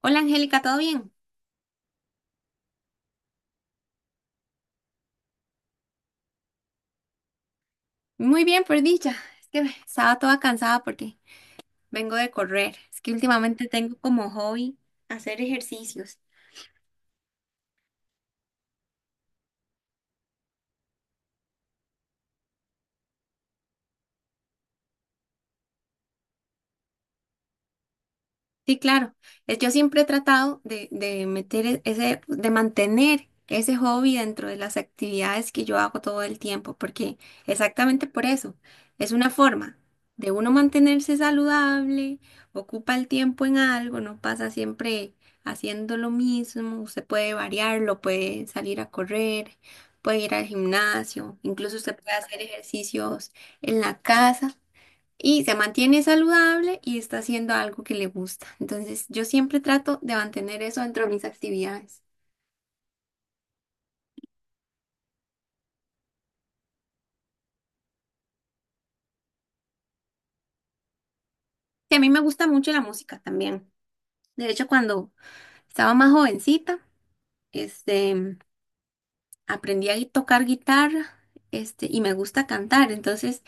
Hola, Angélica, ¿todo bien? Muy bien, por dicha. Es que estaba toda cansada porque vengo de correr. Es que últimamente tengo como hobby hacer ejercicios. Sí, claro. Yo siempre he tratado de meter de mantener ese hobby dentro de las actividades que yo hago todo el tiempo, porque exactamente por eso es una forma de uno mantenerse saludable, ocupa el tiempo en algo, no pasa siempre haciendo lo mismo, usted puede variarlo, puede salir a correr, puede ir al gimnasio, incluso usted puede hacer ejercicios en la casa y se mantiene saludable y está haciendo algo que le gusta. Entonces, yo siempre trato de mantener eso dentro de mis actividades. Y a mí me gusta mucho la música también. De hecho, cuando estaba más jovencita, este, aprendí a tocar guitarra, y me gusta cantar. Entonces,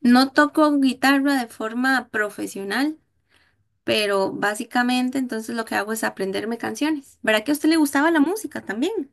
no toco guitarra de forma profesional, pero básicamente entonces lo que hago es aprenderme canciones. ¿Verdad que a usted le gustaba la música también?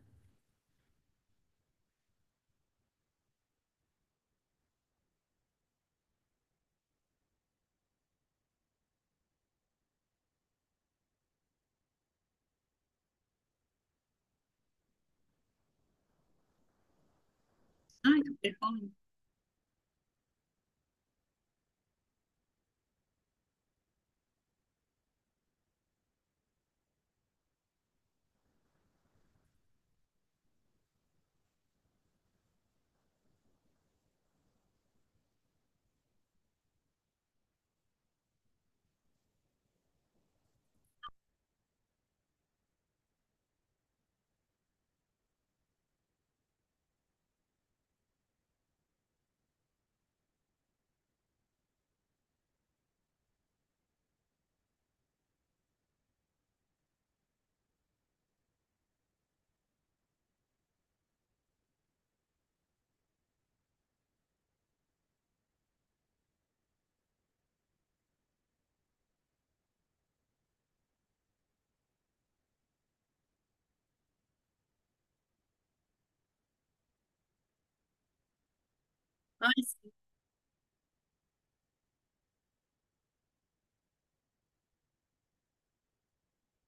Ay,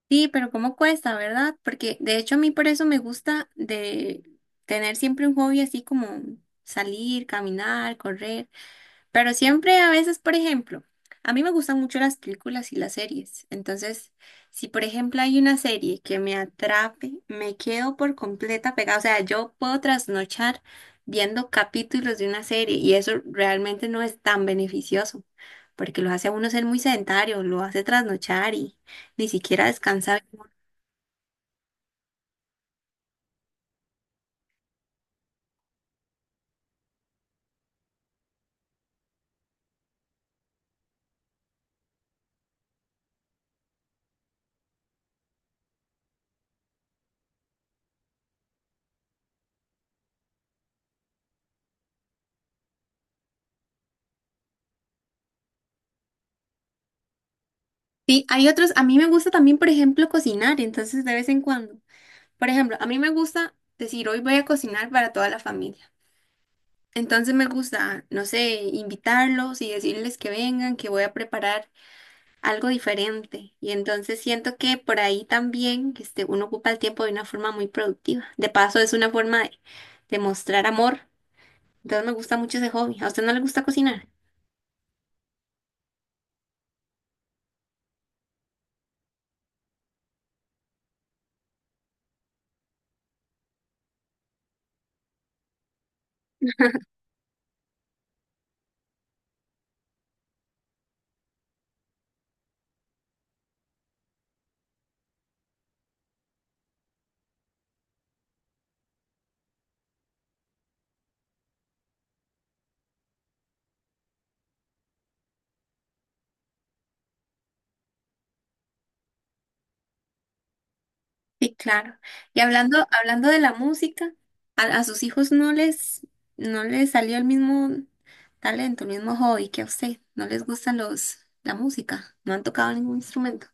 sí, pero cómo cuesta, ¿verdad? Porque de hecho a mí por eso me gusta de tener siempre un hobby así como salir, caminar, correr. Pero siempre, a veces, por ejemplo, a mí me gustan mucho las películas y las series. Entonces, si por ejemplo hay una serie que me atrape, me quedo por completa pegada. O sea, yo puedo trasnochar viendo capítulos de una serie y eso realmente no es tan beneficioso, porque lo hace a uno ser muy sedentario, lo hace trasnochar y ni siquiera descansar. Sí, hay otros, a mí me gusta también, por ejemplo, cocinar, entonces de vez en cuando. Por ejemplo, a mí me gusta decir, hoy voy a cocinar para toda la familia. Entonces me gusta, no sé, invitarlos y decirles que vengan, que voy a preparar algo diferente. Y entonces siento que por ahí también uno ocupa el tiempo de una forma muy productiva. De paso, es una forma de mostrar amor. Entonces me gusta mucho ese hobby. ¿A usted no le gusta cocinar? Sí, claro. Y hablando de la música, a sus hijos no les salió el mismo talento, el mismo hobby que a usted. No les gustan los, la música. No han tocado ningún instrumento.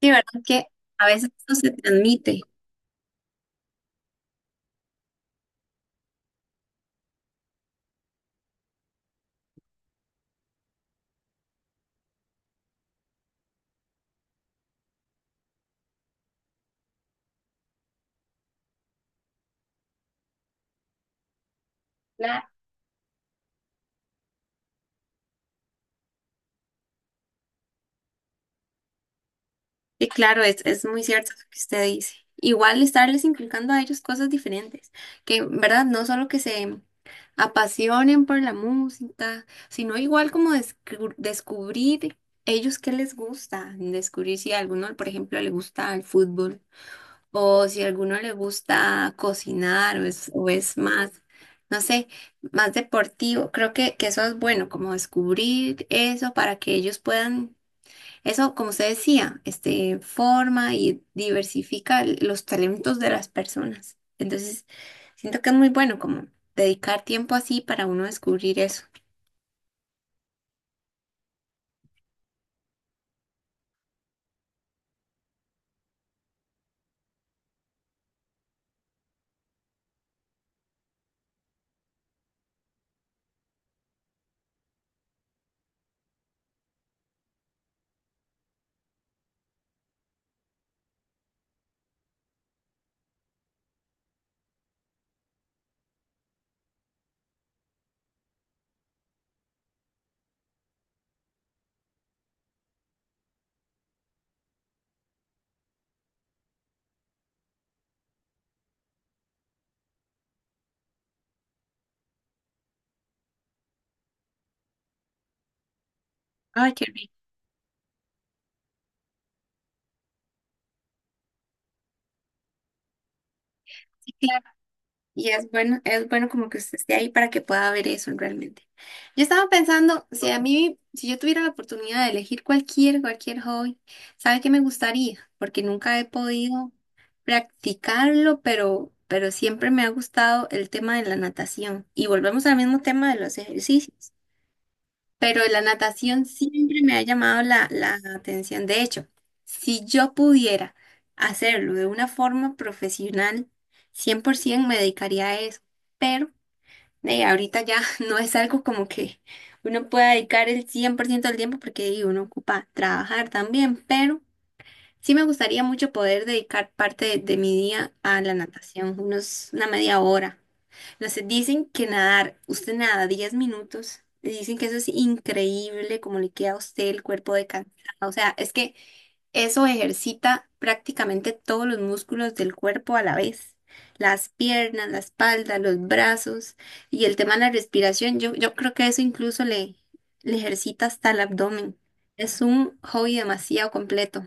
Sí, ¿verdad? Que a veces no se transmite. Claro. Sí, claro, es muy cierto lo que usted dice. Igual estarles inculcando a ellos cosas diferentes, que, ¿verdad? No solo que se apasionen por la música, sino igual como descubrir ellos qué les gusta, descubrir si a alguno, por ejemplo, le gusta el fútbol. O si a alguno le gusta cocinar o es más, no sé, más deportivo, creo que eso es bueno, como descubrir eso para que ellos puedan, eso, como usted decía, forma y diversifica los talentos de las personas. Entonces, siento que es muy bueno como dedicar tiempo así para uno descubrir eso. Ay, qué rico. Sí, claro. Y es bueno como que usted esté ahí para que pueda ver eso realmente. Yo estaba pensando, si yo tuviera la oportunidad de elegir cualquier hobby, ¿sabe qué me gustaría? Porque nunca he podido practicarlo, pero siempre me ha gustado el tema de la natación. Y volvemos al mismo tema de los ejercicios, pero la natación siempre me ha llamado la atención. De hecho, si yo pudiera hacerlo de una forma profesional, 100% me dedicaría a eso, pero ahorita ya no es algo como que uno pueda dedicar el 100% del tiempo porque uno ocupa trabajar también, pero sí me gustaría mucho poder dedicar parte de mi día a la natación, una media hora. No sé, dicen que nadar, usted nada 10 minutos, y dicen que eso es increíble, como le queda a usted el cuerpo de cansada. O sea, es que eso ejercita prácticamente todos los músculos del cuerpo a la vez. Las piernas, la espalda, los brazos y el tema de la respiración. Yo creo que eso incluso le ejercita hasta el abdomen. Es un hobby demasiado completo.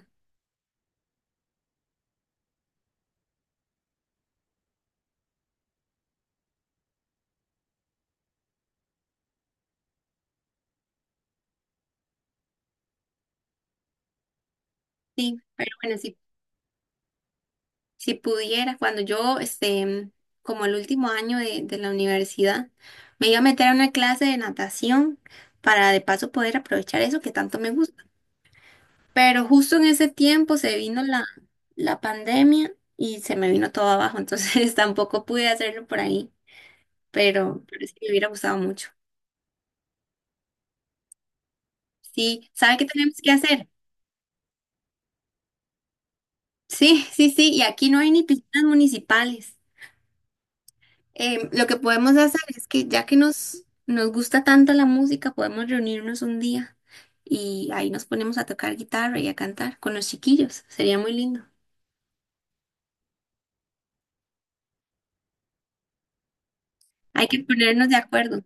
Sí, pero bueno, si pudieras, cuando yo, como el último año de la universidad, me iba a meter a una clase de natación para de paso poder aprovechar eso que tanto me gusta. Pero justo en ese tiempo se vino la pandemia y se me vino todo abajo, entonces tampoco pude hacerlo por ahí, pero sí me hubiera gustado mucho. Sí, ¿sabe qué tenemos que hacer? Sí, sí, sí, y aquí no hay ni piscinas municipales. Em, lo que podemos hacer es que ya que nos gusta tanto la música, podemos reunirnos un día y ahí nos ponemos a tocar guitarra y a cantar con los chiquillos. Sería muy lindo. Hay que ponernos de acuerdo.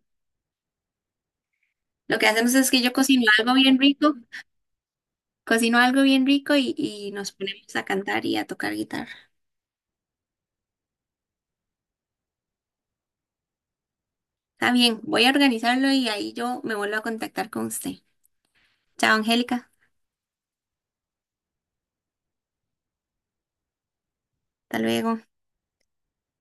Lo que hacemos es que yo cocino algo bien rico y nos ponemos a cantar y a tocar guitarra. Está bien, voy a organizarlo y ahí yo me vuelvo a contactar con usted. Chao, Angélica. Hasta luego.